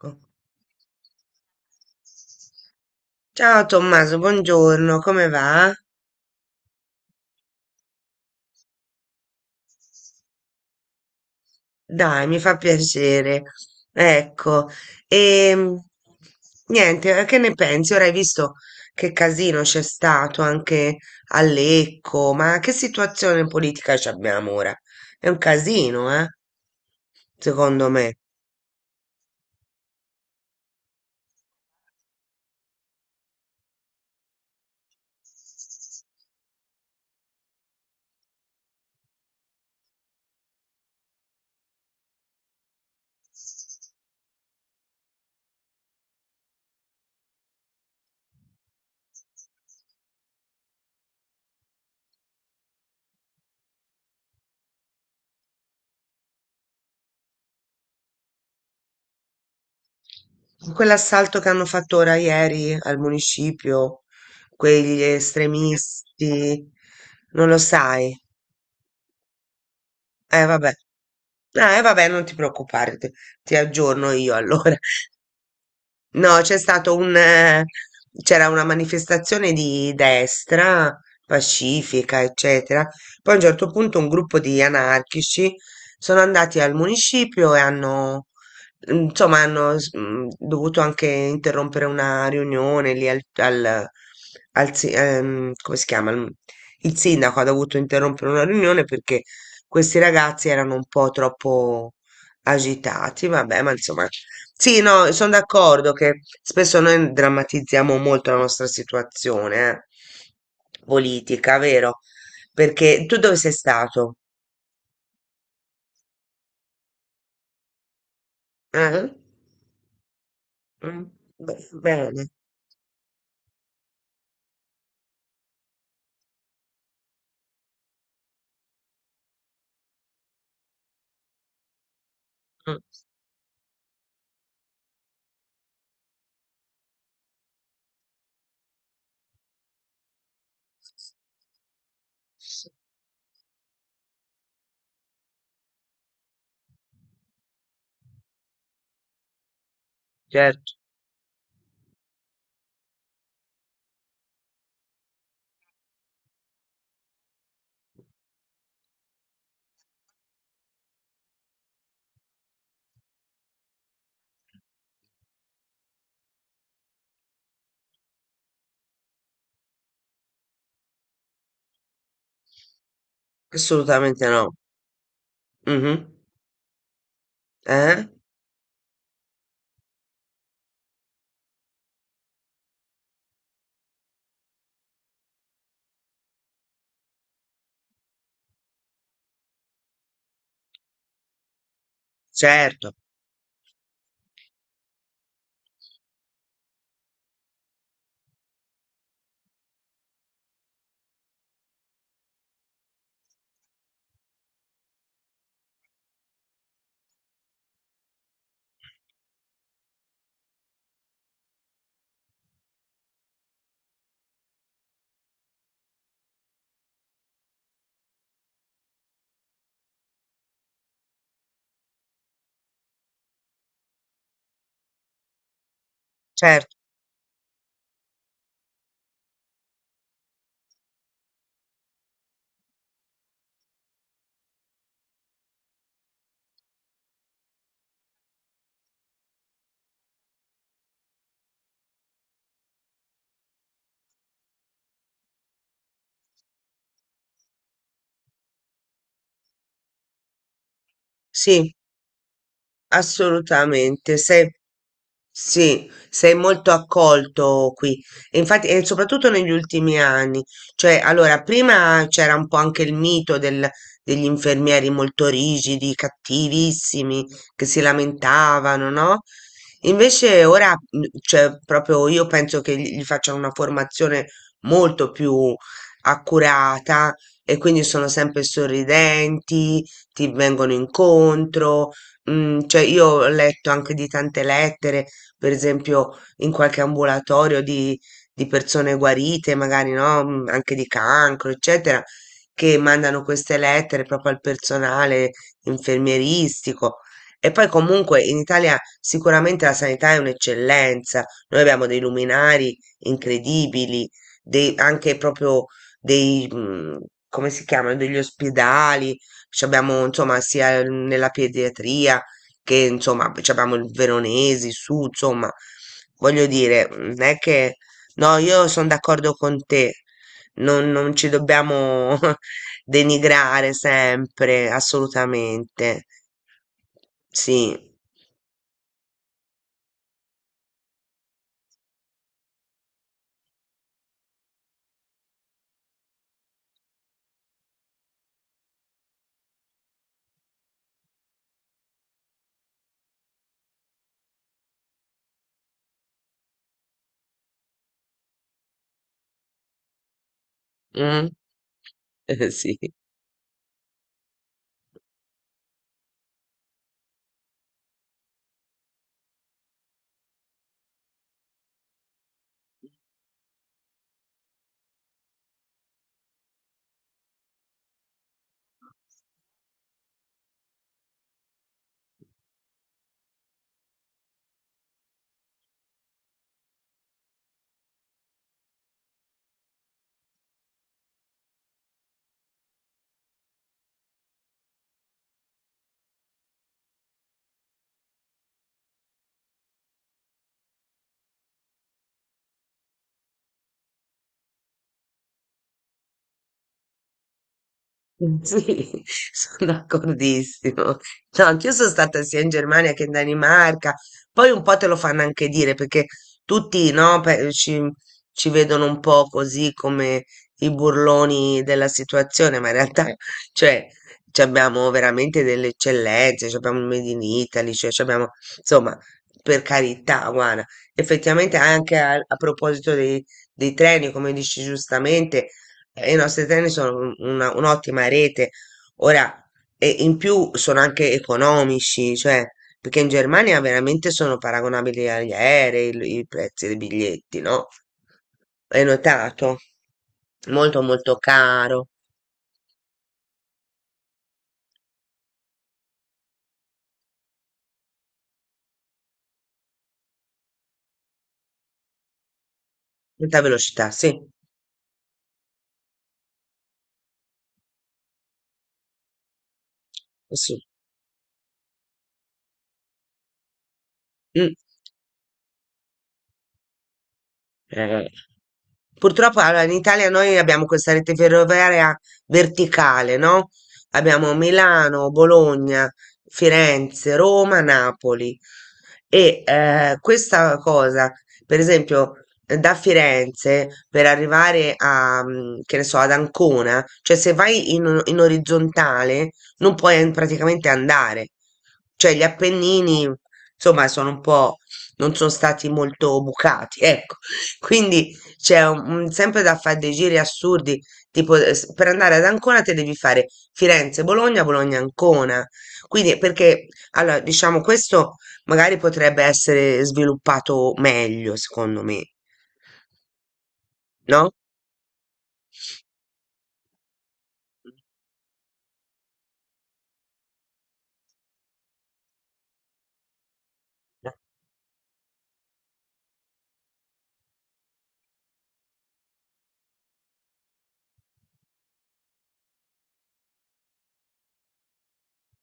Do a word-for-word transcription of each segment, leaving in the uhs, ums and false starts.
Ecco. Ciao Tommaso, buongiorno, come va? Dai, mi fa piacere. Ecco, e niente, eh, che ne pensi? Ora hai visto che casino c'è stato anche a Lecco, ma che situazione politica ci abbiamo ora? È un casino, eh? Secondo me. Quell'assalto che hanno fatto ora ieri al municipio, quegli estremisti, non lo sai? Eh, vabbè. Eh, vabbè, non ti preoccupare, ti, ti aggiorno io allora. No, c'è stato un, eh, c'era una manifestazione di destra, pacifica, eccetera. Poi a un certo punto un gruppo di anarchici sono andati al municipio e hanno, insomma, hanno s- mh, dovuto anche interrompere una riunione lì al, al- al si- ehm, come si chiama? Il il sindaco ha dovuto interrompere una riunione perché questi ragazzi erano un po' troppo agitati, vabbè, ma insomma sì, no, sono d'accordo che spesso noi drammatizziamo molto la nostra situazione, eh, politica, vero? Perché tu dove sei stato? Eh? Mm, be- bene. Mm, certo, assolutamente no. Mhm. Eh? Certo, certo, sì, assolutamente. Se sì, sei molto accolto qui. E infatti, e soprattutto negli ultimi anni. Cioè, allora, prima c'era un po' anche il mito del- degli infermieri molto rigidi, cattivissimi, che si lamentavano, no? Invece ora, mm, cioè, proprio io penso che gli gli facciano una formazione molto più accurata e quindi sono sempre sorridenti, ti vengono incontro. Mm, cioè, io ho letto anche di tante lettere per esempio in qualche ambulatorio di, di persone guarite, magari no, mm, anche di cancro, eccetera, che mandano queste lettere proprio al personale infermieristico. E poi comunque in Italia sicuramente la sanità è un'eccellenza, noi abbiamo dei luminari incredibili, dei- anche proprio dei, mm, come si chiamano, degli ospedali, ci abbiamo insomma sia nella pediatria che insomma poi abbiamo il Veronesi, su, insomma, voglio dire, non è che no, io sono d'accordo con te, non, non ci dobbiamo denigrare sempre, assolutamente. Sì, mm, sì. Mm, sì, sono d'accordissimo. No, anch'io sono stata sia in Germania che in Danimarca. Poi un po' te lo fanno anche dire perché tutti, no, pe- ci, ci vedono un po' così come i burloni della situazione, ma in realtà, cioè, ci abbiamo veramente delle eccellenze, ci abbiamo il Made in Italy, cioè, ci abbiamo, insomma, per carità, guarda, effettivamente anche a, a proposito dei, dei treni, come dici giustamente. E i nostri treni sono un- una- un'ottima rete. Ora, e in più sono anche economici, cioè, perché in Germania veramente sono paragonabili agli aerei il- i prezzi dei biglietti, no? Hai notato? Molto, molto caro. Molta velocità, sì. Sì. Mm. Eh, purtroppo allora, in Italia noi abbiamo questa rete ferroviaria verticale, no? Abbiamo Milano, Bologna, Firenze, Roma, Napoli. E eh, questa cosa, per esempio, eh, da Firenze per arrivare a, mm, che ne so, ad Ancona, cioè se vai in, in orizzontale non puoi an- praticamente andare. Cioè gli Appennini, insomma, sono un po', non sono stati molto bucati, ecco. Quindi c'è un- un- sempre da fare dei giri assurdi, tipo eh, s- per andare ad Ancona te devi fare Firenze-Bologna, Bologna-Ancona. Quindi, perché, allora, diciamo, questo magari potrebbe essere sviluppato meglio, secondo me, no?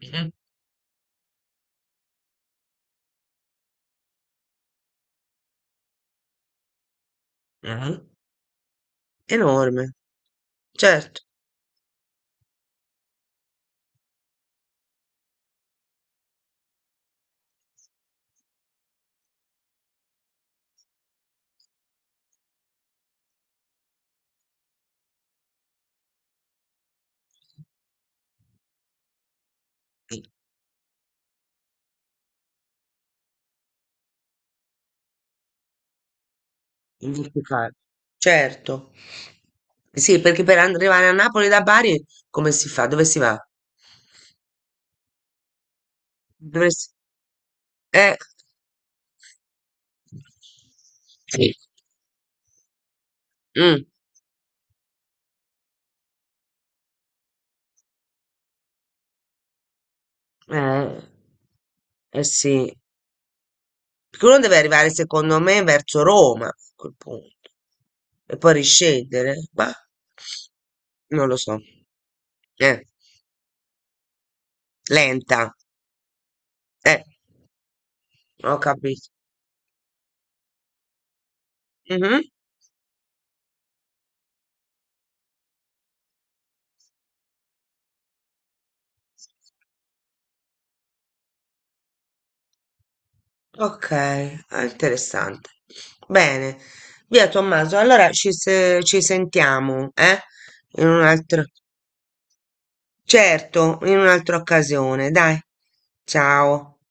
Mhm, mhm. Enorme, certo. Ingiustificato, certo. Sì, perché per arrivare a Napoli da Bari, come si fa? Dove si va? Dovresti... Eh. Sì. Mm. Eh, eh sì, perché uno deve arrivare secondo me verso Roma a quel punto e poi riscendere, ma non lo so. Eh, lenta, eh, ho capito. Mhm. Ok, ah, interessante. Bene, via Tommaso, allora ci, se- ci sentiamo, eh? In un altro, certo, in un'altra occasione, dai. Ciao.